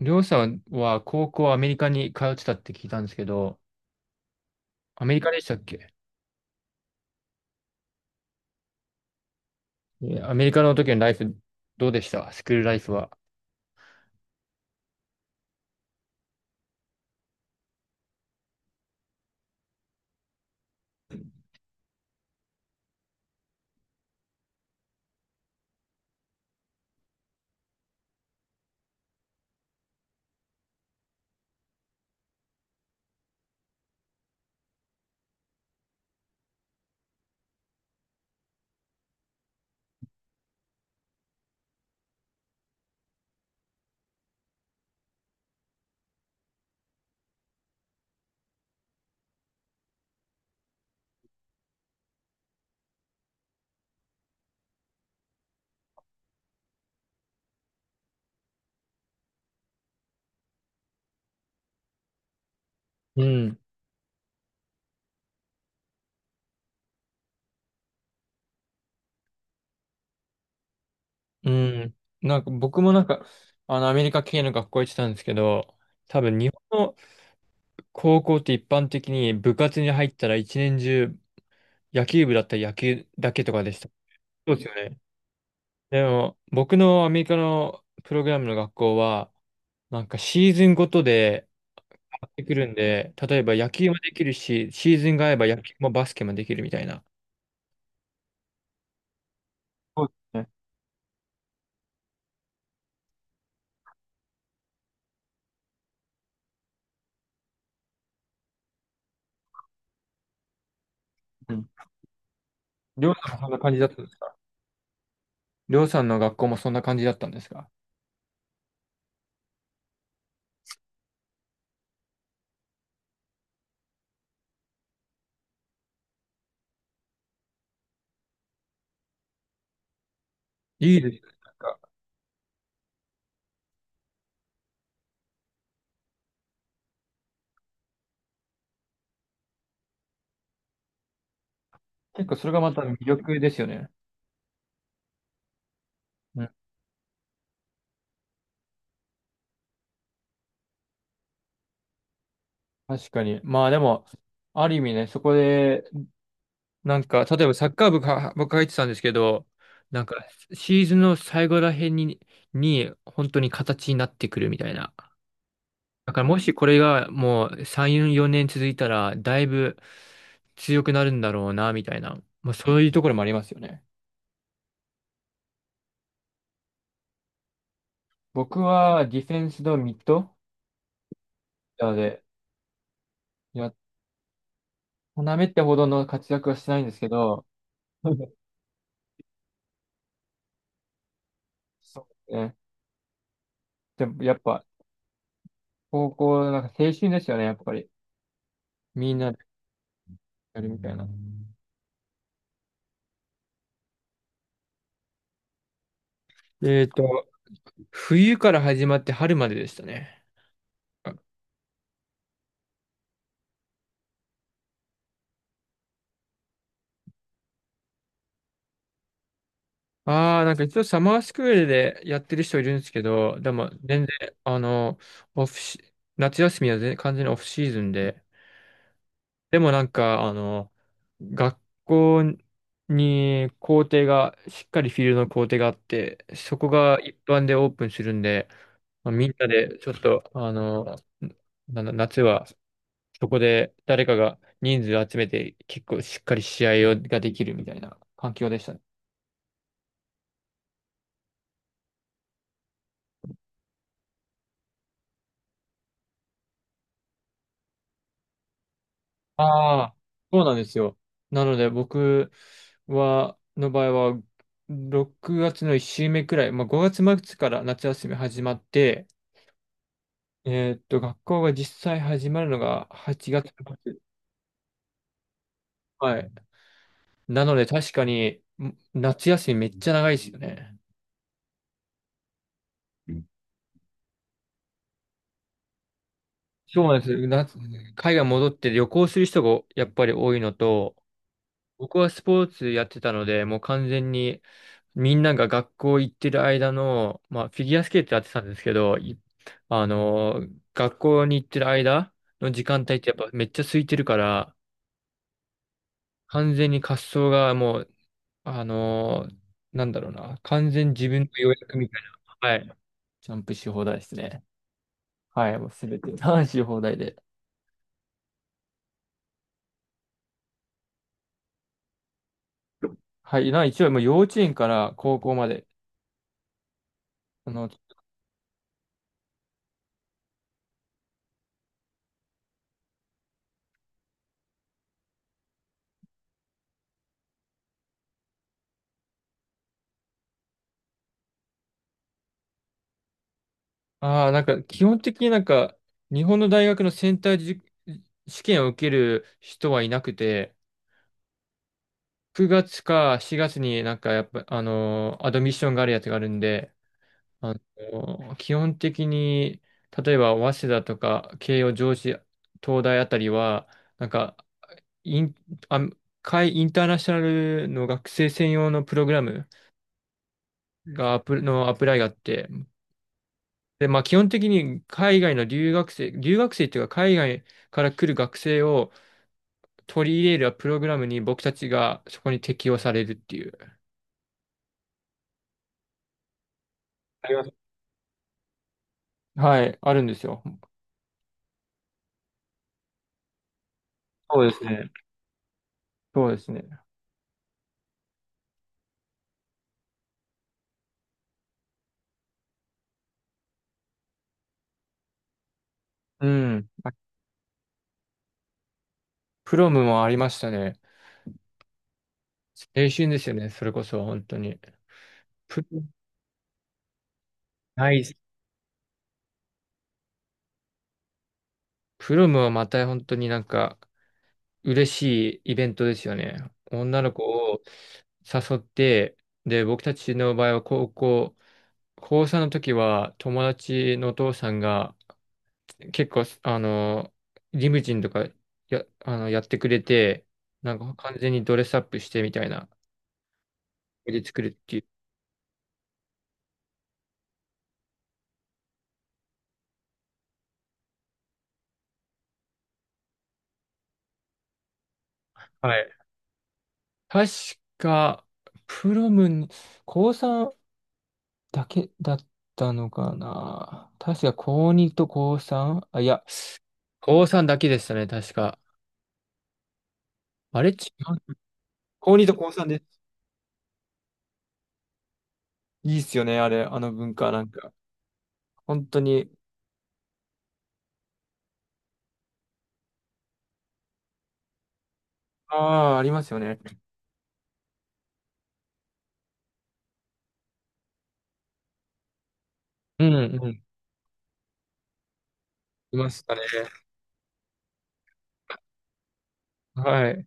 りょうさんは高校アメリカに通ってたって聞いたんですけど、アメリカでしたっけ？アメリカの時のライフ、どうでした、スクールライフは？うん、うん。なんか僕もなんか、アメリカ系の学校行ってたんですけど、多分日本の高校って一般的に部活に入ったら一年中、野球部だったら野球だけとかでした。そうですよね。でも僕のアメリカのプログラムの学校は、なんかシーズンごとで買ってくるんで、例えば野球もできるし、シーズンが合えば野球もバスケもできるみたいな。そうですね。うん。りょうさんもそんな感じだったんですか？りょうさんの学校もそんな感じだったんですか？いいですね。なんか、結構それがまた魅力ですよね。うん、確かに。まあでも、ある意味ね、そこで、なんか、例えばサッカー部か、僕入ってたんですけど、なんか、シーズンの最後らへんに、本当に形になってくるみたいな。だからもしこれがもう3、4年続いたら、だいぶ強くなるんだろうな、みたいな。まあそういうところもありますよね。僕はディフェンスとミッドなので、いや、なめってほどの活躍はしてないんですけど、そうですね。でもやっぱ、高校、なんか青春ですよね、やっぱり。みんなでやるみたいな。えっと、冬から始まって春まででしたね。ああ、なんか一応サマースクールでやってる人いるんですけど、でも全然、あの、オフシ、夏休みは完全にオフシーズンで、でもなんか、学校に校庭が、しっかりフィールドの校庭があって、そこが一般でオープンするんで、まあ、みんなでちょっと、夏はそこで誰かが人数集めて結構しっかり試合をができるみたいな環境でしたね。ああ、そうなんですよ。なのでの場合は、6月の1週目くらい、まあ、5月末から夏休み始まって、学校が実際始まるのが8月末。はい。なので確かに、夏休みめっちゃ長いですよね。そうなんです。夏、海外戻って旅行する人がやっぱり多いのと、僕はスポーツやってたので、もう完全にみんなが学校行ってる間の、まあ、フィギュアスケートやってたんですけど、いあのー、学校に行ってる間の時間帯ってやっぱめっちゃ空いてるから、完全に滑走がもう、あのー、なんだろうな、完全に自分の予約みたいな。はい。ジャンプし放題ですね。はい、もうすべて、男し放題で。はい、一応もう幼稚園から高校まで、あの、ああ、なんか基本的になんか、日本の大学のセンター試験を受ける人はいなくて、9月か4月になんかやっぱ、アドミッションがあるやつがあるんで、あの基本的に、例えば早稲田とか慶応、上智、東大あたりは、なんかイン、あ、インターナショナルの学生専用のプログラムがのアプライがあって、で、まあ基本的に海外の留学生、留学生っていうか海外から来る学生を取り入れるプログラムに僕たちがそこに適用されるっていう。あります。はい、あるんですよ。そうですね。そうですね。うん。プロムもありましたね。青春ですよね。それこそ、本当に。プロム、ない。プロムはまた本当になんか、嬉しいイベントですよね。女の子を誘って、で、僕たちの場合は高校、高3の時は友達のお父さんが結構、リムジンとかや、やってくれて、なんか完全にドレスアップしてみたいな、で作るっていう。確か、プロムに、高3だけだったのかな。確か、高2と高 3？ あ、いや、高3だけでしたね、確か。あれ、違う、高2と高3です。いいっすよね、あれ、あの文化、なんか。本当に。ああ、ありますよね。うん、うん。いましたね。はい。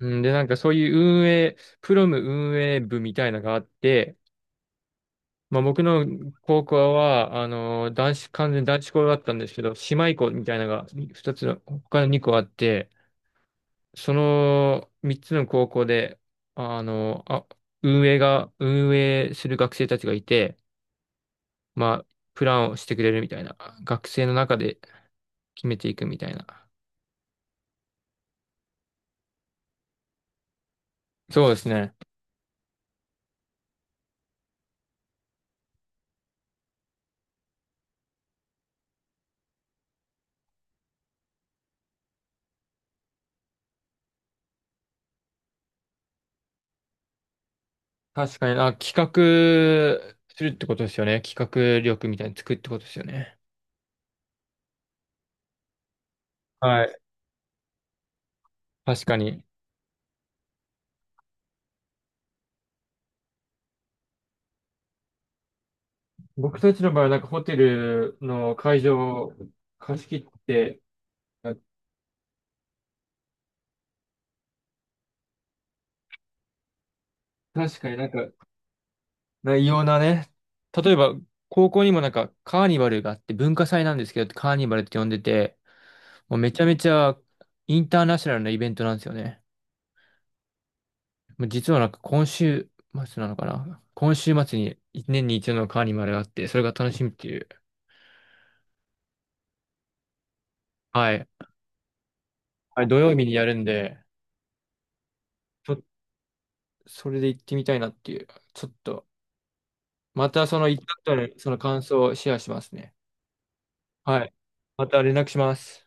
うん、で、なんかそういう運営、プロム運営部みたいなのがあって、まあ、僕の高校は、男子、完全に男子校だったんですけど、姉妹校みたいなのが二つの、他の2校あって、その3つの高校で、あの、あ、運営が、運営する学生たちがいて、まあ、プランをしてくれるみたいな、学生の中で決めていくみたいな。そうですね。確かに、企画するってことですよね。企画力みたいに作るってことですよね。はい。確かに。僕たちの場合はなんかホテルの会場を貸し切って、あ確かになんか、異様なね、例えば高校にもなんかカーニバルがあって、文化祭なんですけど、カーニバルって呼んでて、もうめちゃめちゃインターナショナルなイベントなんですよね。もう実はなんか今週末なのかな。今週末に一年に一度のカーニバルがあって、それが楽しみっていう。はい。はい、土曜日にやるんで、ちょ、それで行ってみたいなっていう。ちょっと。またその行った後のその感想をシェアしますね。はい。また連絡します。